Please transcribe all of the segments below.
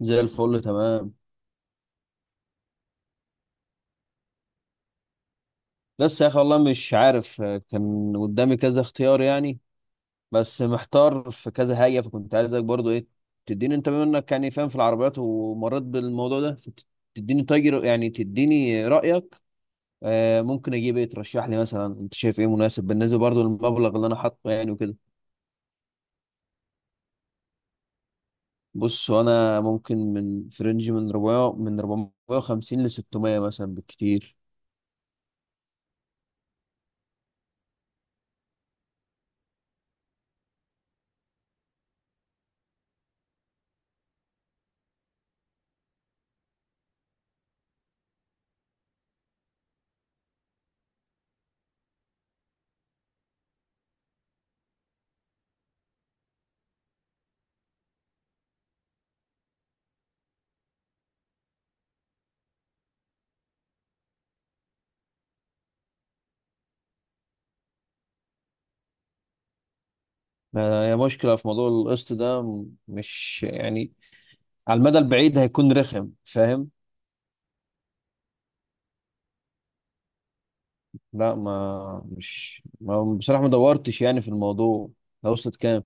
زي الفل تمام. بس يا اخي والله مش عارف، كان قدامي كذا اختيار يعني. بس محتار في كذا حاجه، فكنت عايزك برضو ايه، تديني انت بما انك يعني فاهم في العربيات ومريت بالموضوع ده تديني تاجر، يعني تديني رايك. آه ممكن اجيب ايه، ترشح لي مثلا انت شايف ايه مناسب بالنسبه برضو للمبلغ اللي انا حاطه يعني وكده. بص انا ممكن من فرنج من 400، من 450 ل 600 مثلا بالكتير. ما هي مشكلة في موضوع القسط ده، مش يعني على المدى البعيد هيكون رخم، فاهم. لا ما بصراحة ما دورتش يعني في الموضوع ده، وصلت كام؟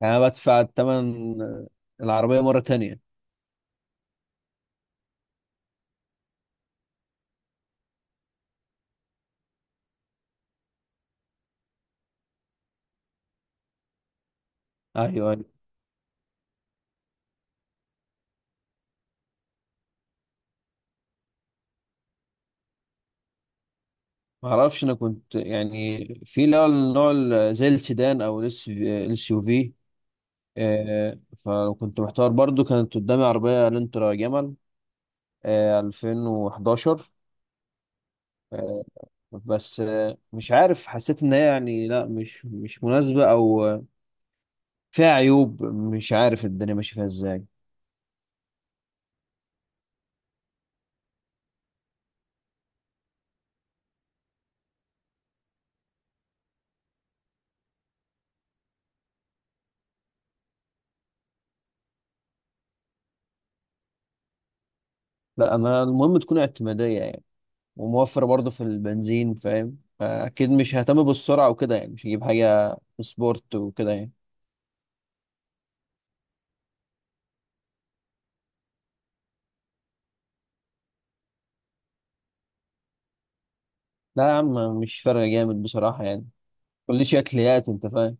يعني انا بدفع تمن العربية مرة تانية؟ ايوه، أيوة. ما اعرفش، انا كنت يعني في اللي هو النوع زي السيدان او الاس يو في. آه، فكنت محتار برضو، كانت قدامي عربية لانترا جمل، 2011. آه، بس آه، مش عارف، حسيت ان هي يعني لا مش مناسبة، او فيها عيوب، مش عارف الدنيا ماشيه فيها ازاي. لا انا المهم تكون اعتماديه يعني، وموفره برضه في البنزين، فاهم. اكيد مش ههتم بالسرعه وكده يعني، مش هجيب حاجه سبورت وكده يعني. لا يا عم، مش فارقه جامد بصراحه يعني. كل شكليات، انت فاهم.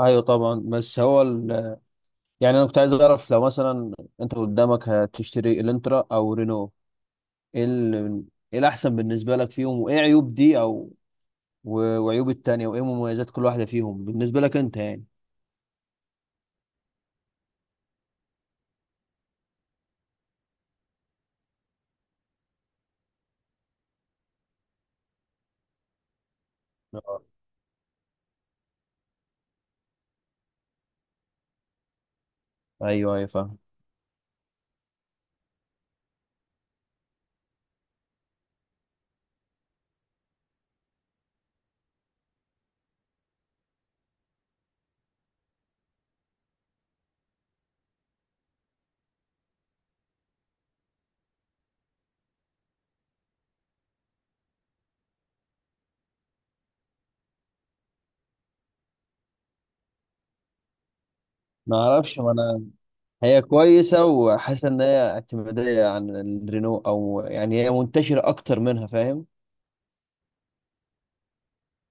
ايوه طبعا، بس هو يعني انا كنت عايز اعرف، لو مثلا انت قدامك هتشتري الانترا او رينو، ايه ال... ايه الاحسن بالنسبه لك فيهم، وايه عيوب دي، او وعيوب التانية، وايه مميزات كل واحده فيهم بالنسبه لك انت يعني. ايوه، ايوه فاهم. ما اعرفش ما انا، هي كويسه، وحاسس ان هي اعتماديه عن الرينو، او يعني هي منتشره اكتر منها، فاهم.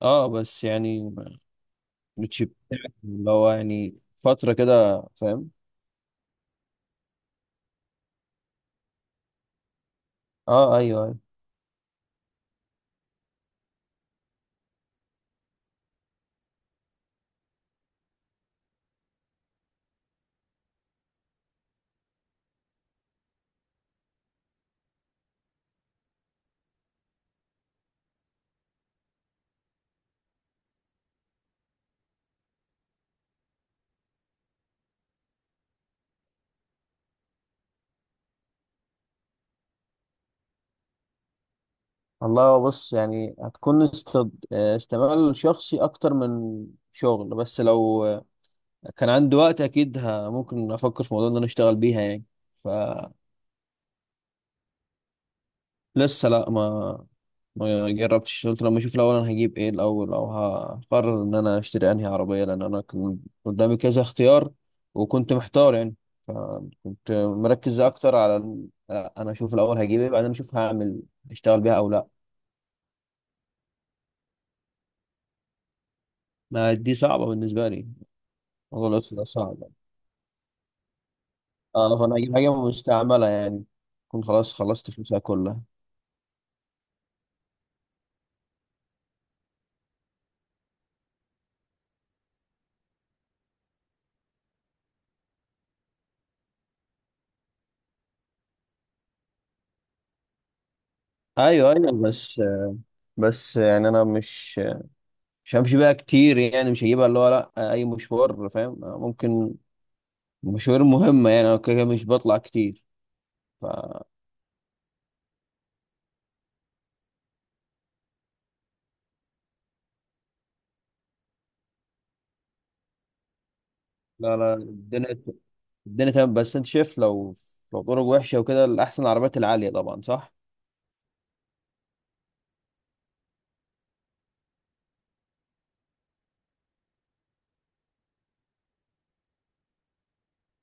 اه بس يعني مش بتاعت اللي هو يعني فتره كده، فاهم. اه، ايوه ايوه. والله بص، يعني هتكون استعمال شخصي اكتر من شغل، بس لو كان عندي وقت اكيد ممكن افكر في موضوع ان انا اشتغل بيها يعني. فلسه لا، ما جربتش، قلت لما اشوف الاول انا هجيب ايه الاول، او هقرر ان انا اشتري انهي عربيه، لان انا كان قدامي كذا اختيار وكنت محتار يعني. فكنت مركز اكتر على انا اشوف الاول هجيب ايه، بعدين اشوف هعمل اشتغل بيها او لا. ما دي صعبه بالنسبه لي، موضوع القسط ده صعب. اه فانا هجيب حاجه مستعمله يعني، كنت خلاص خلصت فلوسها كلها. ايوه ايوه، بس يعني انا مش همشي بيها كتير يعني، مش هجيبها اللي هو لا اي مشوار، فاهم، ممكن مشاوير مهمة يعني، أنا كده كده مش بطلع كتير فلا. لا لا، الدنيا تمام. بس أنت شايف لو لو طرق وحشة وكده الأحسن العربيات العالية طبعا، صح؟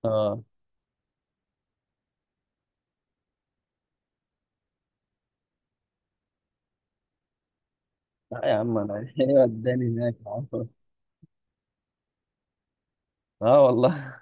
آه. لا يا عم أنا، إيه وداني هناك يا عم؟ آه والله.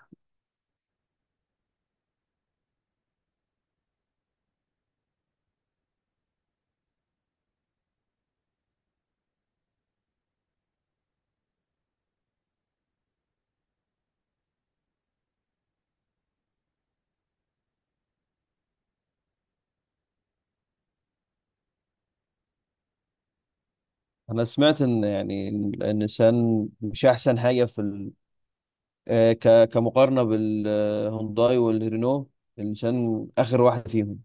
أنا سمعت إن يعني إن النيسان مش أحسن حاجة في آه كمقارنة بالهونداي والرينو، النيسان آخر واحد فيهم.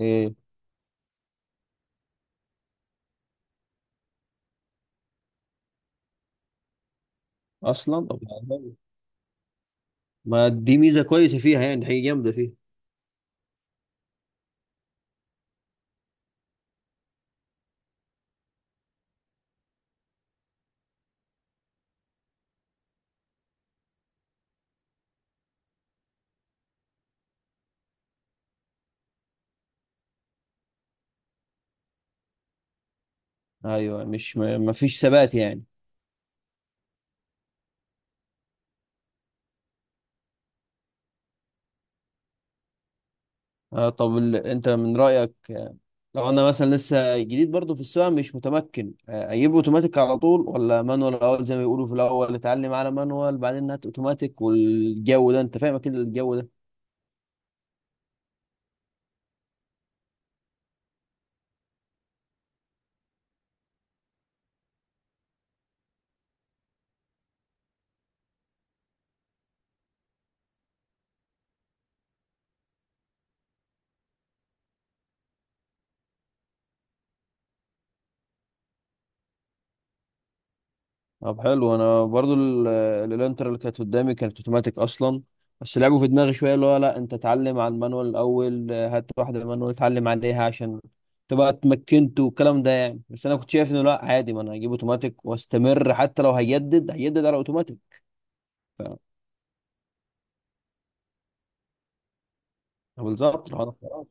إيه أصلا؟ طب ما دي ميزة كويسة فيها يعني، دي حاجة جامدة فيها. أيوه، مش ما فيش ثبات يعني. آه طب انت من رأيك، لو انا مثلا لسه جديد برضه في السواقه مش متمكن، اجيب اوتوماتيك على طول، ولا مانوال الاول زي ما بيقولوا، في الاول اتعلم على مانوال بعدين هات اوتوماتيك، والجو ده انت فاهم كده الجو ده. طب حلو، انا برضه الانتر اللي كانت قدامي كانت اوتوماتيك اصلا، بس لعبوا في دماغي شويه اللي هو لا انت اتعلم على المانوال الاول، هات واحده مانوال اتعلم عليها عشان تبقى اتمكنت والكلام ده يعني. بس انا كنت شايف انه لا عادي، ما انا هجيب اوتوماتيك واستمر، حتى لو هيجدد هيجدد على اوتوماتيك. بالظبط، الحوار خلاص.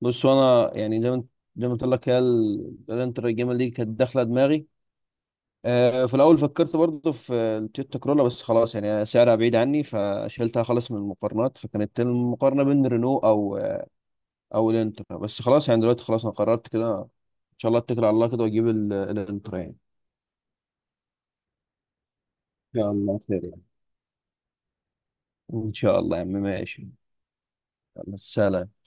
بص وانا يعني زي ما قلت لك هي الانتر الجيمه دي كانت داخله دماغي. في الاول فكرت برضه في التويوتا كرولا، بس خلاص يعني سعرها بعيد عني فشلتها خالص من المقارنات، فكانت المقارنه بين رينو او الانتر، بس خلاص يعني دلوقتي خلاص انا قررت كده، ان شاء الله اتكل على الله كده واجيب الانتر يعني. ان شاء الله خير يعني، ان شاء الله يا عم، ماشي. يلا سلام.